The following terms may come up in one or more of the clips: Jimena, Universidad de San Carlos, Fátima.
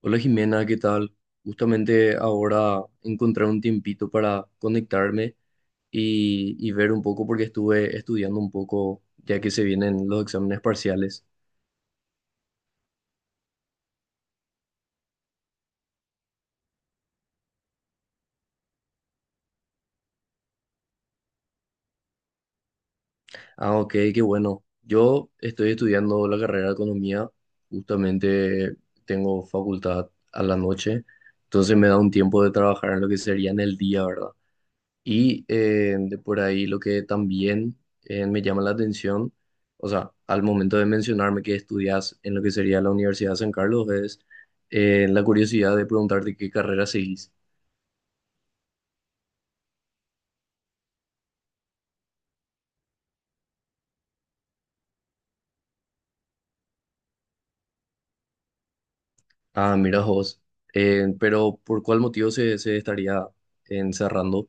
Hola Jimena, ¿qué tal? Justamente ahora encontré un tiempito para conectarme y, ver un poco porque estuve estudiando un poco ya que se vienen los exámenes parciales. Ah, ok, qué bueno. Yo estoy estudiando la carrera de economía, justamente tengo facultad a la noche, entonces me da un tiempo de trabajar en lo que sería en el día, ¿verdad? Y de por ahí lo que también me llama la atención, o sea, al momento de mencionarme que estudias en lo que sería la Universidad de San Carlos, es la curiosidad de preguntarte qué carrera seguís. Ah, mira vos. Pero ¿por cuál motivo se estaría encerrando?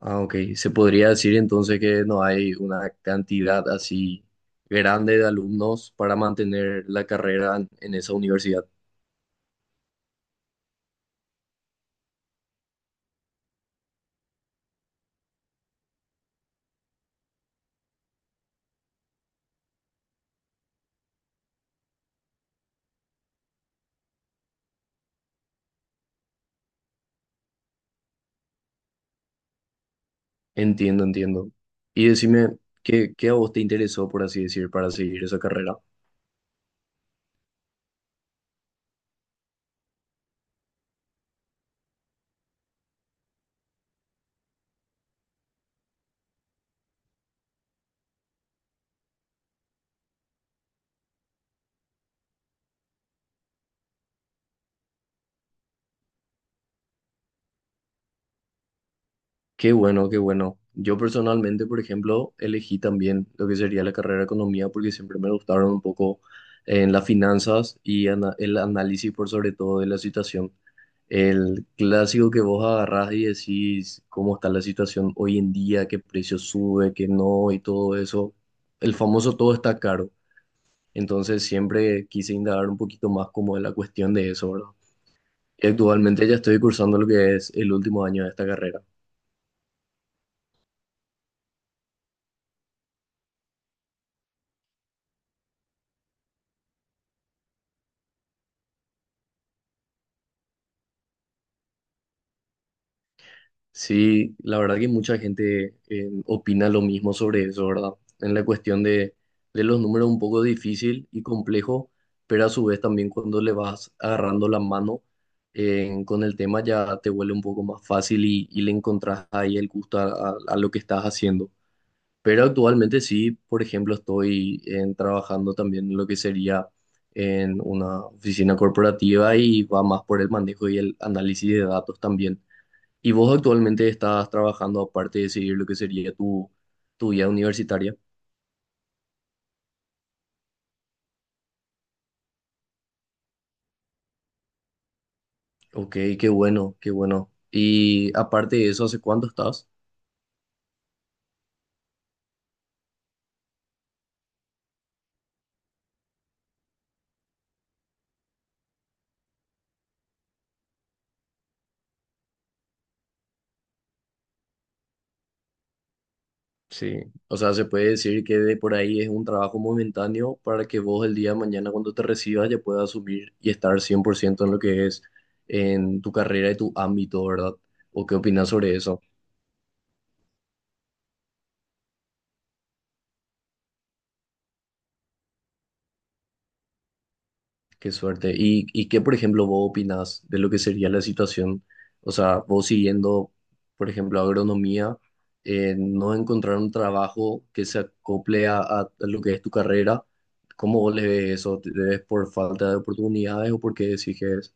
Ah, ok. Se podría decir entonces que no hay una cantidad así grande de alumnos para mantener la carrera en esa universidad. Entiendo, entiendo. Y decime, ¿qué a vos te interesó, por así decir, para seguir esa carrera? Qué bueno, qué bueno. Yo personalmente, por ejemplo, elegí también lo que sería la carrera de economía porque siempre me gustaron un poco en las finanzas y el análisis por sobre todo de la situación. El clásico que vos agarrás y decís cómo está la situación hoy en día, qué precio sube, qué no y todo eso. El famoso todo está caro. Entonces siempre quise indagar un poquito más como de la cuestión de eso, ¿verdad? Y actualmente ya estoy cursando lo que es el último año de esta carrera. Sí, la verdad que mucha gente opina lo mismo sobre eso, ¿verdad? En la cuestión de los números un poco difícil y complejo, pero a su vez también cuando le vas agarrando la mano con el tema ya te vuelve un poco más fácil y, le encontrás ahí el gusto a, a lo que estás haciendo. Pero actualmente sí, por ejemplo, trabajando también en lo que sería en una oficina corporativa y va más por el manejo y el análisis de datos también. ¿Y vos actualmente estás trabajando aparte de seguir lo que sería tu, tu vida universitaria? Ok, qué bueno, qué bueno. Y aparte de eso, ¿hace cuánto estás? Sí, o sea, se puede decir que de por ahí es un trabajo momentáneo para que vos el día de mañana cuando te recibas ya puedas asumir y estar 100% en lo que es en tu carrera y tu ámbito, ¿verdad? ¿O qué opinas sobre eso? Qué suerte. ¿Y qué, por ejemplo, vos opinás de lo que sería la situación? O sea, vos siguiendo, por ejemplo, agronomía, no encontrar un trabajo que se acople a lo que es tu carrera, ¿cómo vos le ves eso? ¿Te ves por falta de oportunidades o porque qué decís que es?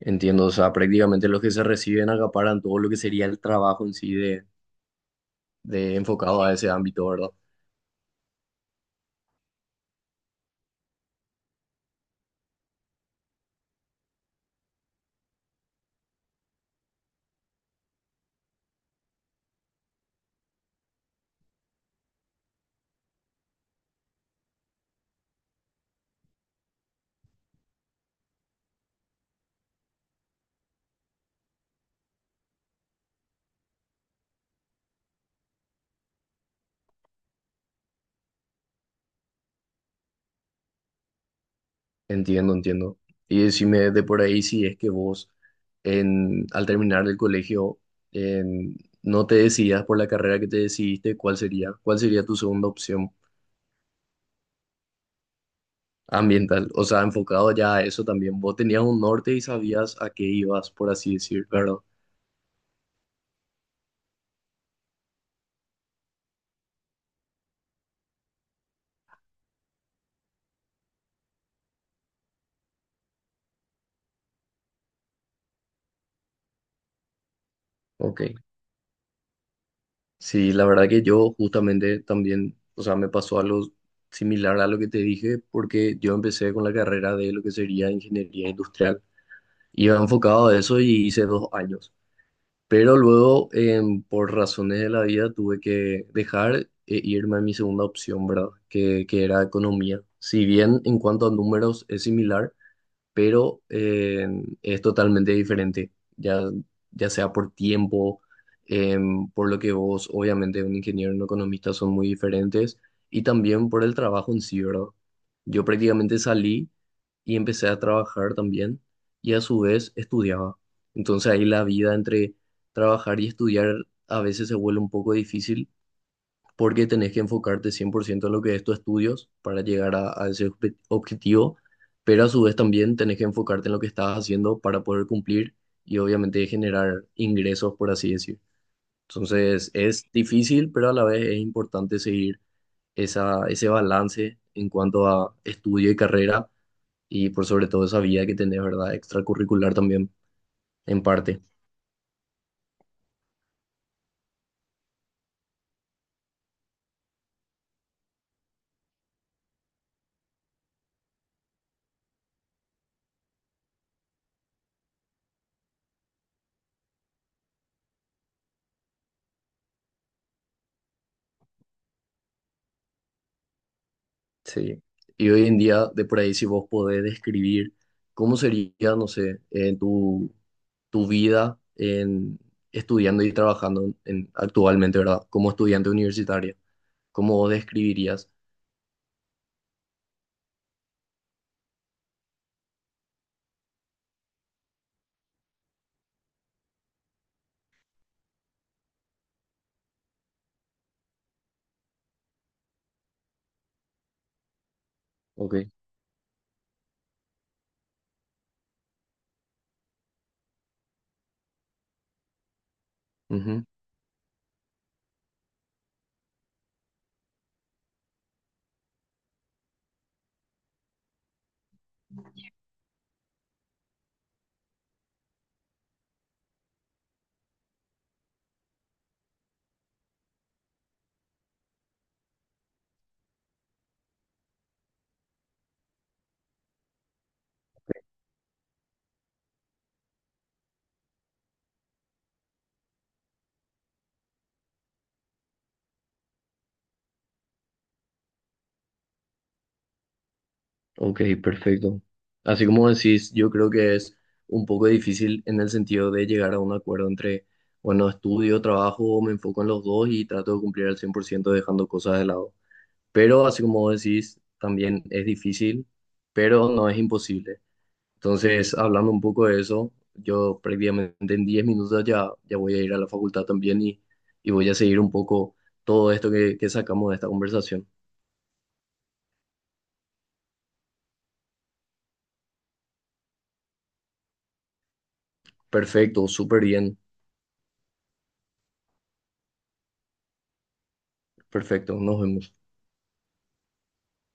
Entiendo, o sea, prácticamente los que se reciben acaparan todo lo que sería el trabajo en sí de enfocado a ese ámbito, ¿verdad? Entiendo, entiendo. Y decime de por ahí si es que vos, en, al terminar el colegio, en- no te decidas por la carrera que te decidiste, ¿cuál sería? ¿Cuál sería tu segunda opción ambiental? O sea, enfocado ya a eso también. Vos tenías un norte y sabías a qué ibas, por así decir, ¿verdad? Ok. Sí, la verdad que yo justamente también, o sea, me pasó algo similar a lo que te dije, porque yo empecé con la carrera de lo que sería ingeniería industrial. Iba enfocado a eso y hice 2 años. Pero luego, por razones de la vida, tuve que dejar e irme a mi segunda opción, ¿verdad? Que era economía. Si bien en cuanto a números es similar, pero es totalmente diferente, ya, ya sea por tiempo, por lo que vos, obviamente, un ingeniero y un economista son muy diferentes, y también por el trabajo en sí, ¿verdad? Yo prácticamente salí y empecé a trabajar también, y a su vez estudiaba. Entonces ahí la vida entre trabajar y estudiar a veces se vuelve un poco difícil porque tenés que enfocarte 100% en lo que es tus estudios para llegar a ese objetivo, pero a su vez también tenés que enfocarte en lo que estás haciendo para poder cumplir y obviamente generar ingresos, por así decir. Entonces es difícil, pero a la vez es importante seguir esa, ese balance en cuanto a estudio y carrera y por sobre todo esa vida que tenés, ¿verdad? Extracurricular también, en parte. Sí, y hoy en día, de por ahí, si vos podés describir cómo sería, no sé, en tu, tu vida en, estudiando y trabajando en, actualmente, ¿verdad? Como estudiante universitario, ¿cómo vos describirías? Ok, ujú, ok, perfecto. Así como decís, yo creo que es un poco difícil en el sentido de llegar a un acuerdo entre, bueno, estudio, trabajo, me enfoco en los dos y trato de cumplir al 100% dejando cosas de lado. Pero así como vos decís, también es difícil, pero no es imposible. Entonces, hablando un poco de eso, yo prácticamente en 10 minutos ya, ya voy a ir a la facultad también y voy a seguir un poco todo esto que sacamos de esta conversación. Perfecto, súper bien, perfecto, nos vemos.